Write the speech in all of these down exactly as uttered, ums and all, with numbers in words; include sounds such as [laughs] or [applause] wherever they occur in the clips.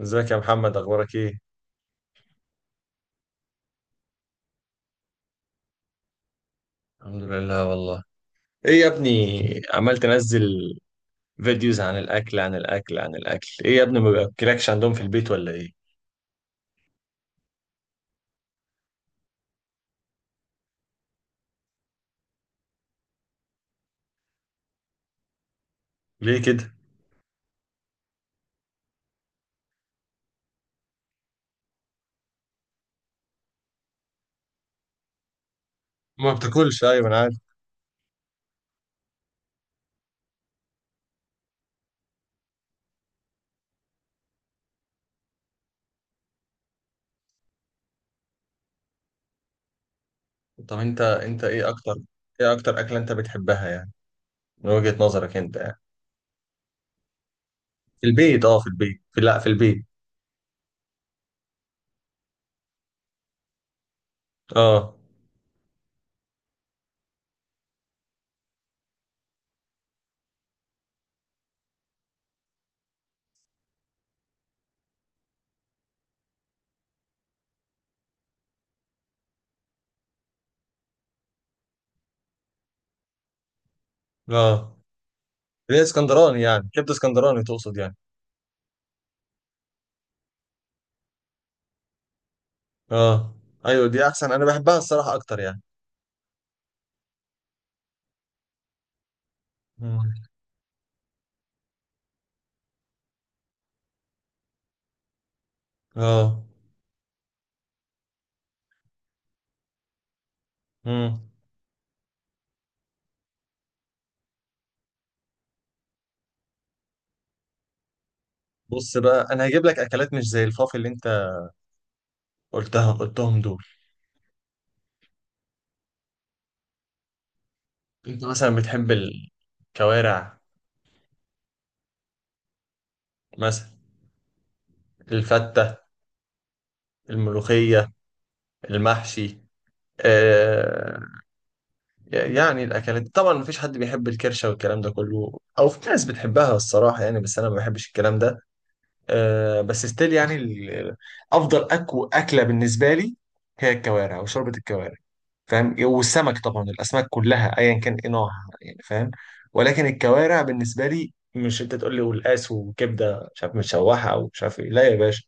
ازيك يا محمد، اخبارك ايه؟ الحمد لله والله. ايه يا ابني عمال تنزل فيديوز عن الاكل عن الاكل عن الاكل؟ ايه يا ابني، ما بياكلكش عندهم في البيت ولا ايه؟ ليه كده؟ ما بتاكلش، ايوه انا عارف. طب انت انت ايه اكتر ايه اكتر اكله انت بتحبها يعني؟ من وجهة نظرك انت يعني. في البيت، اه في البيت، في لا في البيت. اه اه. اللي هي اسكندراني يعني، كبده اسكندراني تقصد يعني؟ اه. ايوه دي احسن، انا بحبها الصراحه اكتر يعني. مم. اه. مم. بص بقى، انا هجيب لك اكلات مش زي الفاف اللي انت قلتها قلتهم دول. انت مثلا بتحب الكوارع مثلا؟ الفتة، الملوخية، المحشي. آه يعني الاكلات طبعا مفيش حد بيحب الكرشة والكلام ده كله، او في ناس بتحبها الصراحة يعني، بس انا ما بحبش الكلام ده. آه بس ستيل يعني، ال- افضل أكو اكلة بالنسبة لي هي الكوارع وشوربة الكوارع. فاهم؟ والسمك طبعا، الاسماك كلها ايا كان ايه نوعها يعني، فاهم؟ ولكن الكوارع بالنسبه لي، مش انت تقول لي والقاس وكبده مش عارف متشوحه او مش عارف ايه، لا يا باشا.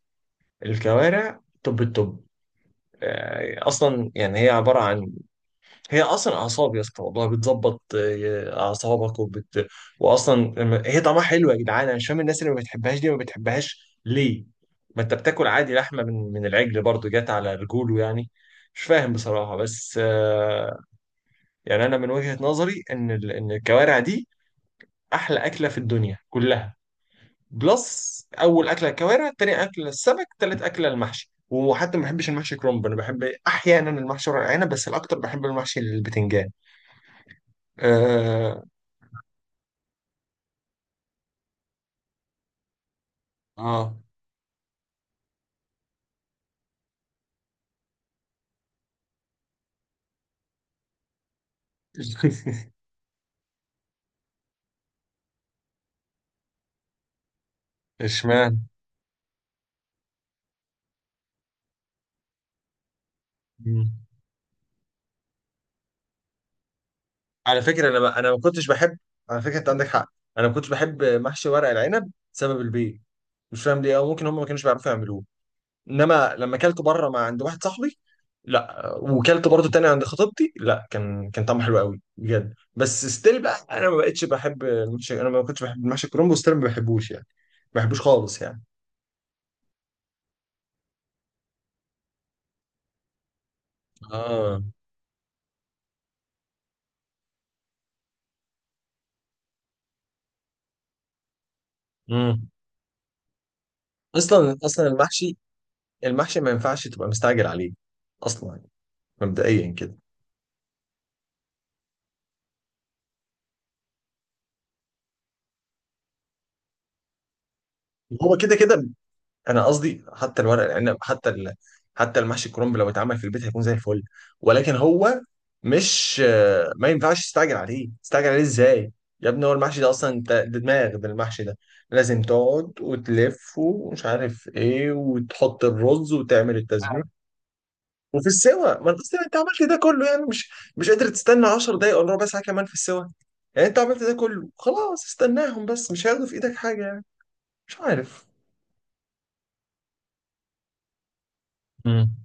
الكوارع توب التوب. آه، اصلا يعني هي عباره عن، هي اصلا اعصاب يا اسطى، والله بتظبط آه، اعصابك، وبت... واصلا لما- هي طعمها حلو يا جدعان. انا مش فاهم الناس اللي ما بتحبهاش دي ما بتحبهاش ليه. ما انت بتاكل عادي لحمه من من العجل برضو، جات على رجوله يعني. مش فاهم بصراحه. بس آه، يعني انا من وجهة نظري ان ال- ان الكوارع دي احلى اكله في الدنيا كلها. بلس، اول اكله الكوارع، تاني اكله السمك، تالت اكله المحشي، وحتى ما بحبش المحشي كرنب، انا بحب احيانا المحشي ورق العنب، بس الاكتر بحب المحشي البتنجان. اه. اه. [laughs] اشمعنى؟ مم. على فكره، انا ما- انا ما كنتش بحب. على فكره انت عندك حق، انا ما كنتش بحب محشي ورق العنب بسبب البيض. مش فاهم ليه، او ممكن هم ما كانوش بيعرفوا يعملوه. انما لما اكلته بره مع عند واحد صاحبي، لا، وكلت برضه تاني عند خطيبتي، لا كان كان طعمه حلو قوي بجد. بس ستيل بقى انا ما بقتش بحب المحشي، انا ما كنتش بحب المحشي الكرنب ستيل، ما بحبوش يعني، ما بحبوش خالص يعني. اه. امم اصلا اصلا المحشي، المحشي ما ينفعش تبقى مستعجل عليه اصلا يعني، مبدئيا كده. هو كده كده، انا قصدي حتى الورق العنب، حتى ال... حتى المحشي الكرنب لو اتعمل في البيت هيكون زي الفل. ولكن هو مش آه، ما ينفعش تستعجل عليه. تستعجل عليه ازاي يا ابني؟ هو المحشي ده اصلا، انت ده دماغ ده المحشي ده. لازم تقعد وتلف ومش عارف ايه وتحط الرز وتعمل التسبيك، وفي السوا ما انت أصلاً انت عملت ده كله يعني. مش مش قادر تستنى عشر دقايق ولا ربع ساعه كمان في السوا؟ يعني انت عملت ده كله، خلاص استناهم بس، مش هياخدوا في ايدك حاجه يعني. مش عارف. امم.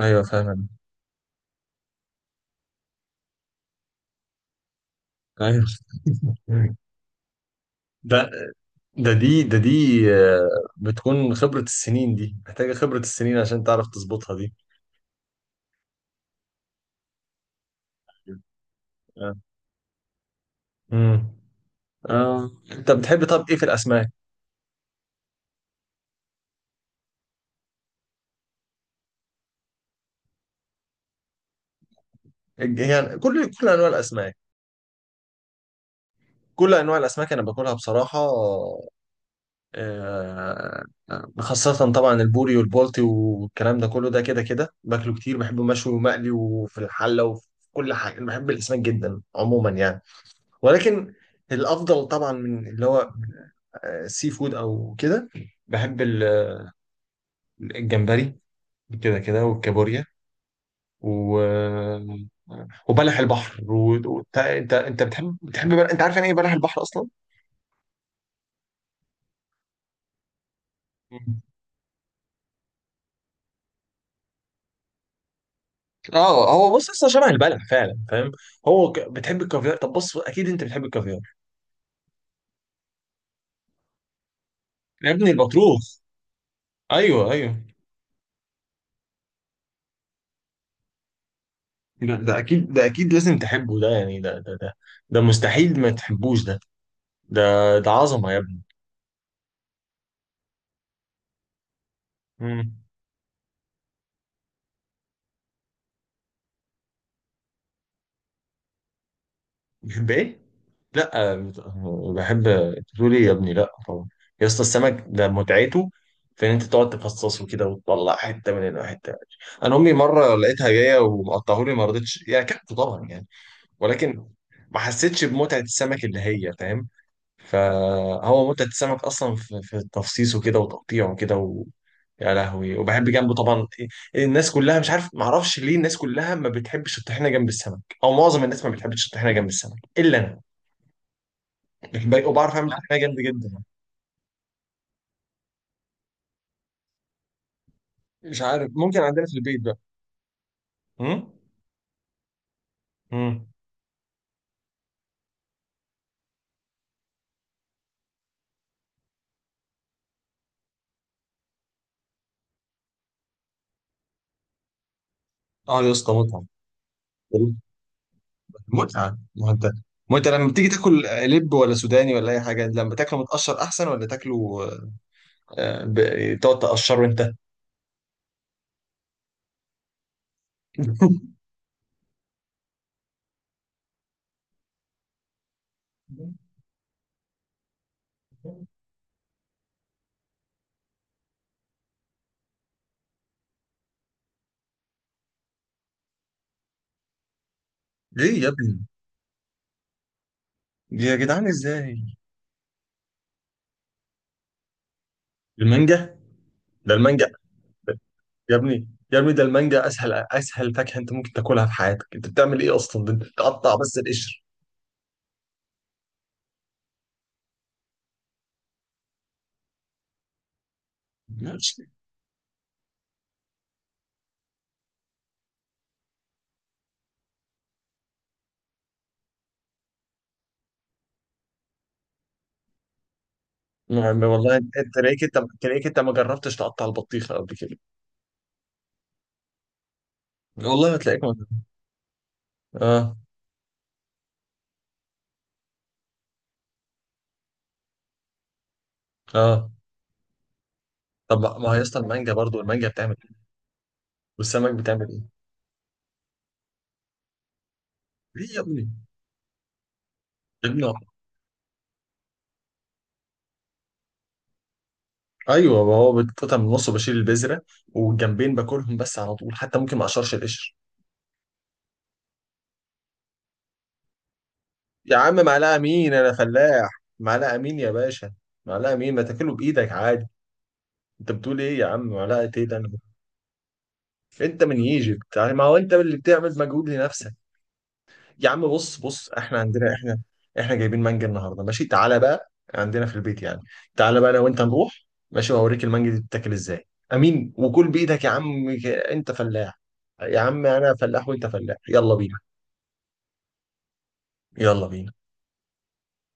ايوه فاهم. ايوه، ده ده دي ده دي. آه، بتكون خبرة السنين دي، محتاجة خبرة السنين عشان تعرف تظبطها دي. آه. امم. اه انت بتحب، طب ايه في الاسماك؟ يعني كل كل انواع الاسماك، كل انواع الاسماك انا باكلها بصراحة. آه، آه، خاصة طبعا البوري والبولتي والكلام ده كله، ده كده كده باكله كتير، بحبه مشوي ومقلي وفي الحلة وفي كل حاجة. أنا بحب الاسماك جدا عموما يعني. ولكن الافضل طبعا من اللي هو سي فود او كده، بحب ال- الجمبري كده كده، والكابوريا، و وبلح البحر. وانت انت انت بتحب، بتحب بلح... انت عارف يعني ايه بلح البحر اصلا؟ مم. اه هو بص اصلا شبه البلح فعلا، فاهم؟ هو ك... بتحب الكافيار؟ طب بص اكيد انت بتحب الكافيار. يا ابني البطروخ، ايوه ايوه. ده، ده اكيد، ده اكيد لازم تحبه ده يعني، ده ده ده، ده مستحيل ما تحبوش ده. ده، ده عظمه يا ابني. مم. بتحب ايه؟ لا بت- بحب، تقول ايه يا ابني؟ لا طبعا، يا اسطى السمك ده متعته في ان انت تقعد تفصصه كده، وتطلع حته من هنا وحته من هنا. انا امي مره لقيتها جايه ومقطعه لي، ما رضيتش، يعني اكلته طبعا يعني، ولكن ما حسيتش بمتعه السمك اللي هي، فاهم؟ فهو متعه السمك اصلا في، في تفصيصه كده وتقطيعه كده و... يا لهوي. وبحب جنبه طبعا. إيه- الناس كلها مش عارف، ما اعرفش ليه الناس كلها ما بتحبش الطحينه جنب السمك، او معظم الناس ما بتحبش الطحينه جنب السمك الا انا، الباقي. وبعرف اعمل حاجه جامده جدا. مش عارف، ممكن عندنا في البيت بقى. امم. امم. اه يا اسطى متعه. متعه، ما انت، ما انت لما بتيجي تاكل لب ولا سوداني ولا اي حاجه، لما تاكله متقشر احسن ولا تاكله آه، ب- تقعد تقشره انت؟ [laughs] ليه يا ابني؟ يا جدعان ازاي؟ المانجا؟ ده المانجا يا ابني، يا ابني ده المانجا اسهل اسهل فاكهه انت ممكن تاكلها في حياتك. انت بتعمل ايه اصلا؟ ده انت بتقطع بس القشر. [laughs] نعم والله، انت- تلاقيك، انت تلاقيك انت ما جربتش تقطع البطيخه قبل كده. والله هتلاقيك ما. اه. اه. طب ما ما هي اصلا المانجا برضو، المانجا بتعمل ايه؟ والسمك بتعمل ايه؟ ليه يا ابني؟ يا ابني، ايوه ما هو بتقطع من النص وبشيل البذره، والجنبين باكلهم بس على طول، حتى ممكن ما اقشرش القشر. يا عم معلقه مين؟ انا فلاح. معلقه مين يا باشا؟ معلقه مين؟ ما تاكله بايدك عادي. انت بتقول ايه يا عم معلقه ايه ده أنا- انت من ايجيبت يعني، ما هو انت اللي بتعمل مجهود لنفسك. يا عم بص بص احنا عندنا، احنا احنا جايبين مانجا النهارده ماشي. تعالى بقى عندنا في البيت يعني، تعالى بقى انا وانت نروح ماشي، واوريك المانجا دي بتتاكل ازاي. امين، وكل بايدك يا عم انت فلاح. يا عم انا فلاح وانت فلاح، يلا بينا. يلا بينا.